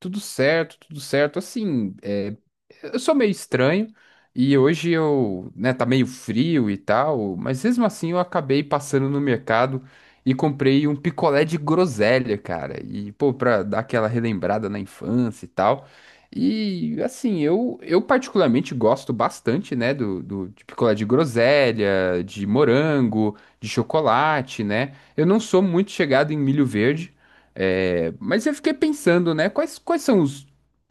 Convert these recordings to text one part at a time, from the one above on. Tudo certo, tudo certo. Assim, eu sou meio estranho e hoje eu, né, tá meio frio e tal, mas mesmo assim eu acabei passando no mercado e comprei um picolé de groselha, cara. E, pô, pra dar aquela relembrada na infância e tal. E, assim, eu particularmente gosto bastante, né, do de picolé de groselha, de morango, de chocolate, né? Eu não sou muito chegado em milho verde. É, mas eu fiquei pensando, né? Quais são os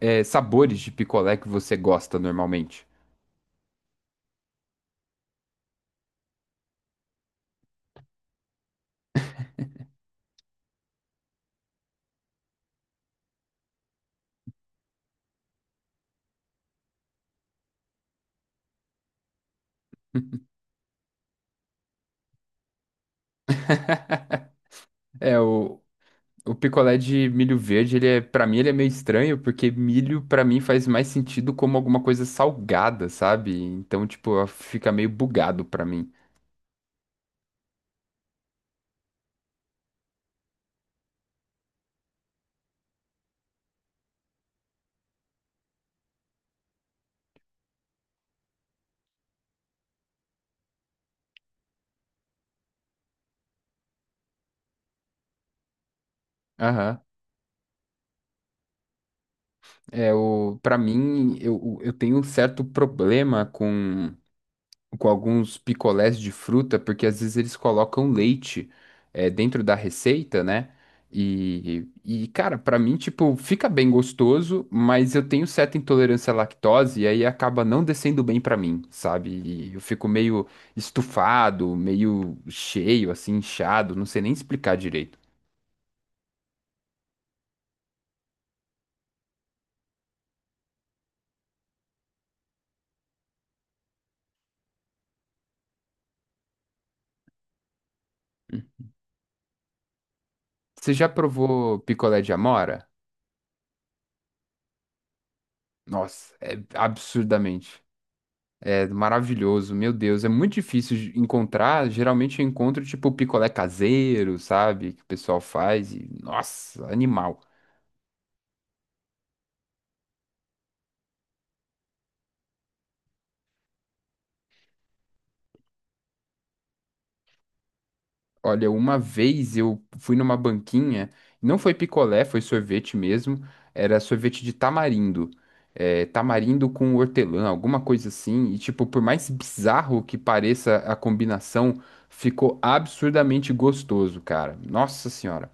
sabores de picolé que você gosta normalmente? É, o picolé de milho verde, ele é, para mim, ele é meio estranho, porque milho, pra mim, faz mais sentido como alguma coisa salgada, sabe? Então, tipo, fica meio bugado pra mim. Aham. É, o, para mim, eu tenho um certo problema com alguns picolés de fruta, porque às vezes eles colocam leite dentro da receita, né? E cara, pra mim, tipo, fica bem gostoso, mas eu tenho certa intolerância à lactose e aí acaba não descendo bem pra mim, sabe? E eu fico meio estufado, meio cheio, assim, inchado, não sei nem explicar direito. Você já provou picolé de amora? Nossa, é absurdamente. É maravilhoso, meu Deus, é muito difícil de encontrar. Geralmente eu encontro tipo picolé caseiro, sabe? Que o pessoal faz e nossa, animal. Olha, uma vez eu fui numa banquinha, não foi picolé, foi sorvete mesmo. Era sorvete de tamarindo, tamarindo com hortelã, alguma coisa assim. E tipo, por mais bizarro que pareça a combinação, ficou absurdamente gostoso, cara. Nossa senhora.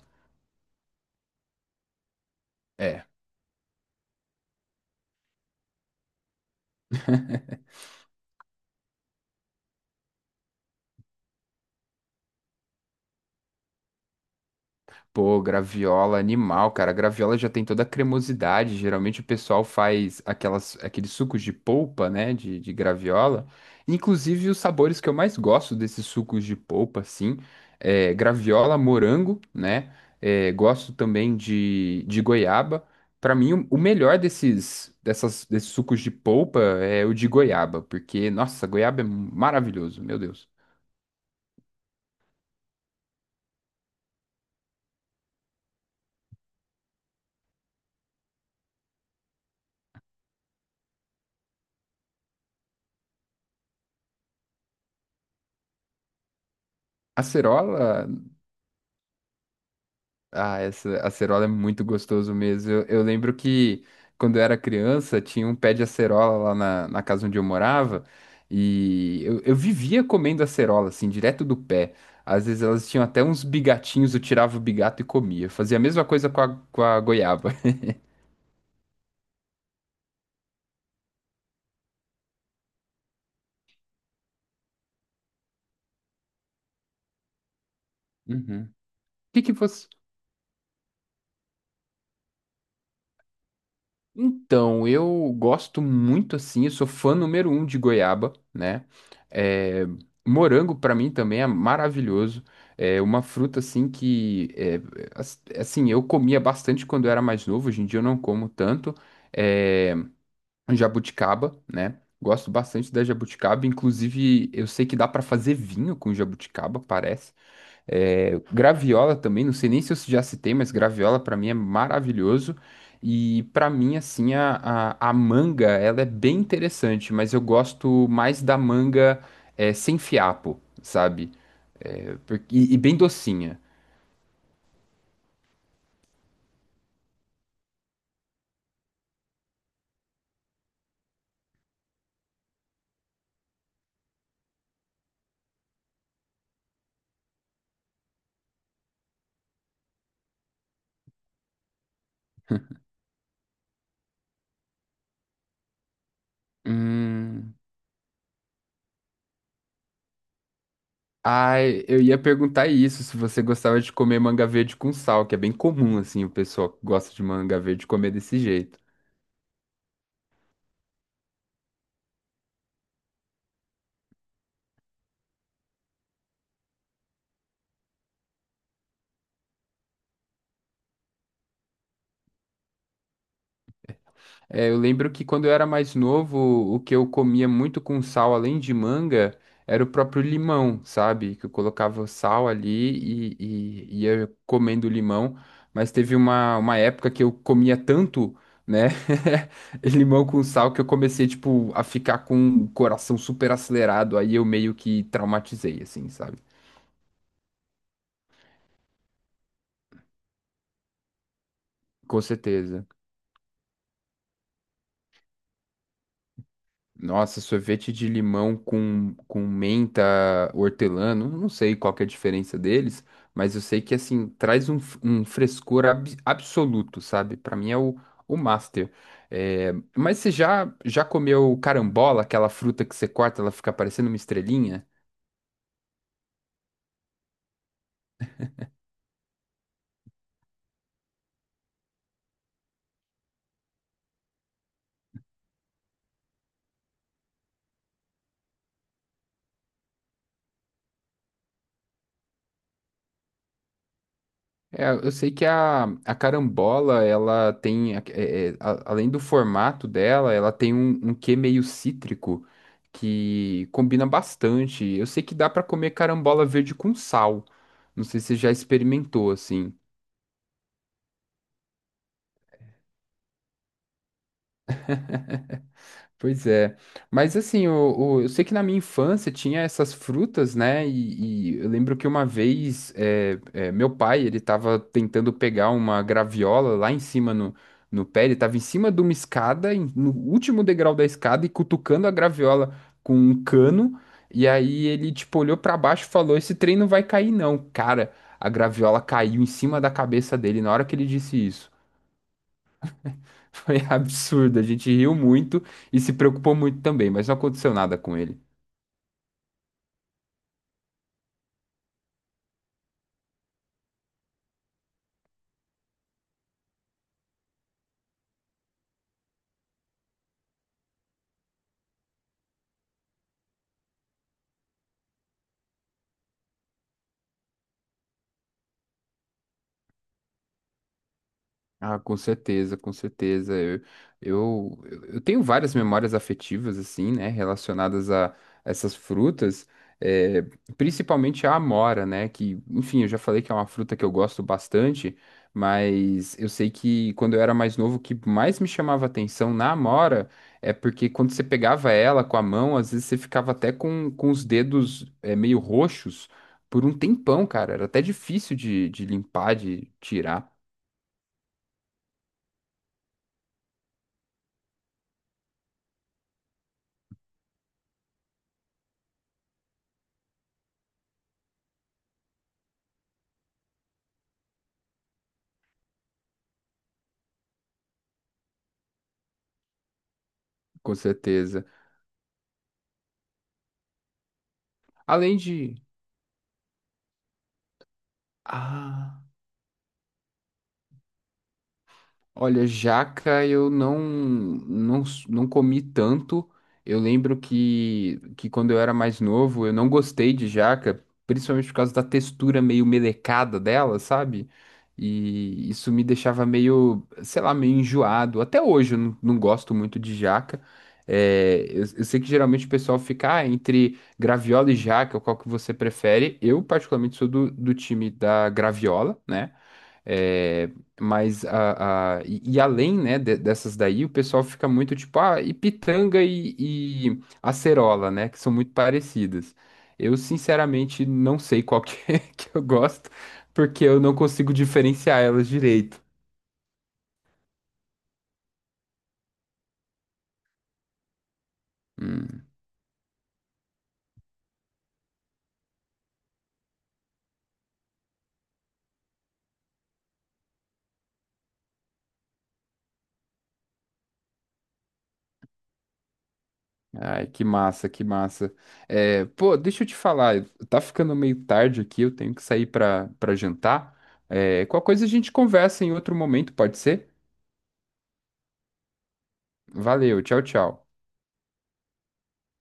É. Pô, graviola animal, cara. A graviola já tem toda a cremosidade. Geralmente o pessoal faz aqueles sucos de polpa, né? De graviola. Inclusive, os sabores que eu mais gosto desses sucos de polpa, assim, é graviola, morango, né? Gosto também de goiaba. Pra mim, o melhor desses sucos de polpa é o de goiaba, porque, nossa, goiaba é maravilhoso, meu Deus. Acerola, ah, essa acerola é muito gostoso mesmo. Eu lembro que quando eu era criança tinha um pé de acerola na casa onde eu morava e eu vivia comendo acerola, assim, direto do pé. Às vezes elas tinham até uns bigatinhos, eu tirava o bigato e comia. Eu fazia a mesma coisa com com a goiaba. Uhum. O uhum. que que você, Então, eu gosto muito assim, eu sou fã número um de goiaba, né? É, morango pra mim também é maravilhoso. É uma fruta assim que assim, eu comia bastante quando eu era mais novo, hoje em dia eu não como tanto. É, jabuticaba, né? Gosto bastante da jabuticaba, inclusive eu sei que dá pra fazer vinho com jabuticaba, parece. É, graviola também, não sei nem se eu já citei, mas graviola pra mim é maravilhoso. E pra mim, assim, a manga, ela é bem interessante, mas eu gosto mais da manga sem fiapo, sabe? E bem docinha. Hum... Ai, eu ia perguntar isso, se você gostava de comer manga verde com sal, que é bem comum, assim, o pessoal que gosta de manga verde comer desse jeito. É, eu lembro que quando eu era mais novo, o que eu comia muito com sal, além de manga, era o próprio limão, sabe? Que eu colocava o sal ali e ia comendo limão. Mas teve uma época que eu comia tanto, né? Limão com sal que eu comecei, tipo, a ficar com o coração super acelerado. Aí eu meio que traumatizei, assim, sabe? Com certeza. Nossa, sorvete de limão com menta, hortelã, não sei qual que é a diferença deles, mas eu sei que, assim, traz um, um absoluto, sabe? Pra mim é o master. É, mas você já comeu carambola, aquela fruta que você corta, ela fica parecendo uma estrelinha? É, eu sei que a carambola, ela tem, além do formato dela, ela tem um, um quê meio cítrico que combina bastante. Eu sei que dá pra comer carambola verde com sal. Não sei se você já experimentou assim. Pois é. Mas assim, eu sei que na minha infância tinha essas frutas, né? E eu lembro que uma vez meu pai, ele tava tentando pegar uma graviola lá em cima no pé, ele tava em cima de uma escada, no último degrau da escada, e cutucando a graviola com um cano. E aí ele, tipo, olhou pra baixo e falou: Esse trem não vai cair, não. Cara, a graviola caiu em cima da cabeça dele na hora que ele disse isso. Foi absurdo. A gente riu muito e se preocupou muito também, mas não aconteceu nada com ele. Ah, com certeza, com certeza. Eu tenho várias memórias afetivas, assim, né, relacionadas a essas frutas, eh, principalmente a amora, né, que, enfim, eu já falei que é uma fruta que eu gosto bastante, mas eu sei que quando eu era mais novo, o que mais me chamava atenção na amora é porque quando você pegava ela com a mão, às vezes você ficava até com os dedos, meio roxos por um tempão, cara. Era até difícil de limpar, de tirar, com certeza. Além de. Ah. Olha, jaca eu não comi tanto. Eu lembro que quando eu era mais novo, eu não gostei de jaca, principalmente por causa da textura meio melecada dela, sabe? E isso me deixava meio, sei lá, meio enjoado. Até hoje eu não gosto muito de jaca. É, eu sei que geralmente o pessoal fica "Ah, entre graviola e jaca, qual que você prefere?" Eu, particularmente, sou do time da graviola, né? É, mas e além, né, dessas daí, o pessoal fica muito tipo, ah, e pitanga e acerola, né, que são muito parecidas. Eu, sinceramente, não sei qual que, é que eu gosto, porque eu não consigo diferenciar elas direito. Hum, ai, que massa, que massa. É, pô, deixa eu te falar, tá ficando meio tarde aqui, eu tenho que sair pra jantar. É, qualquer coisa a gente conversa em outro momento, pode ser? Valeu, tchau, tchau.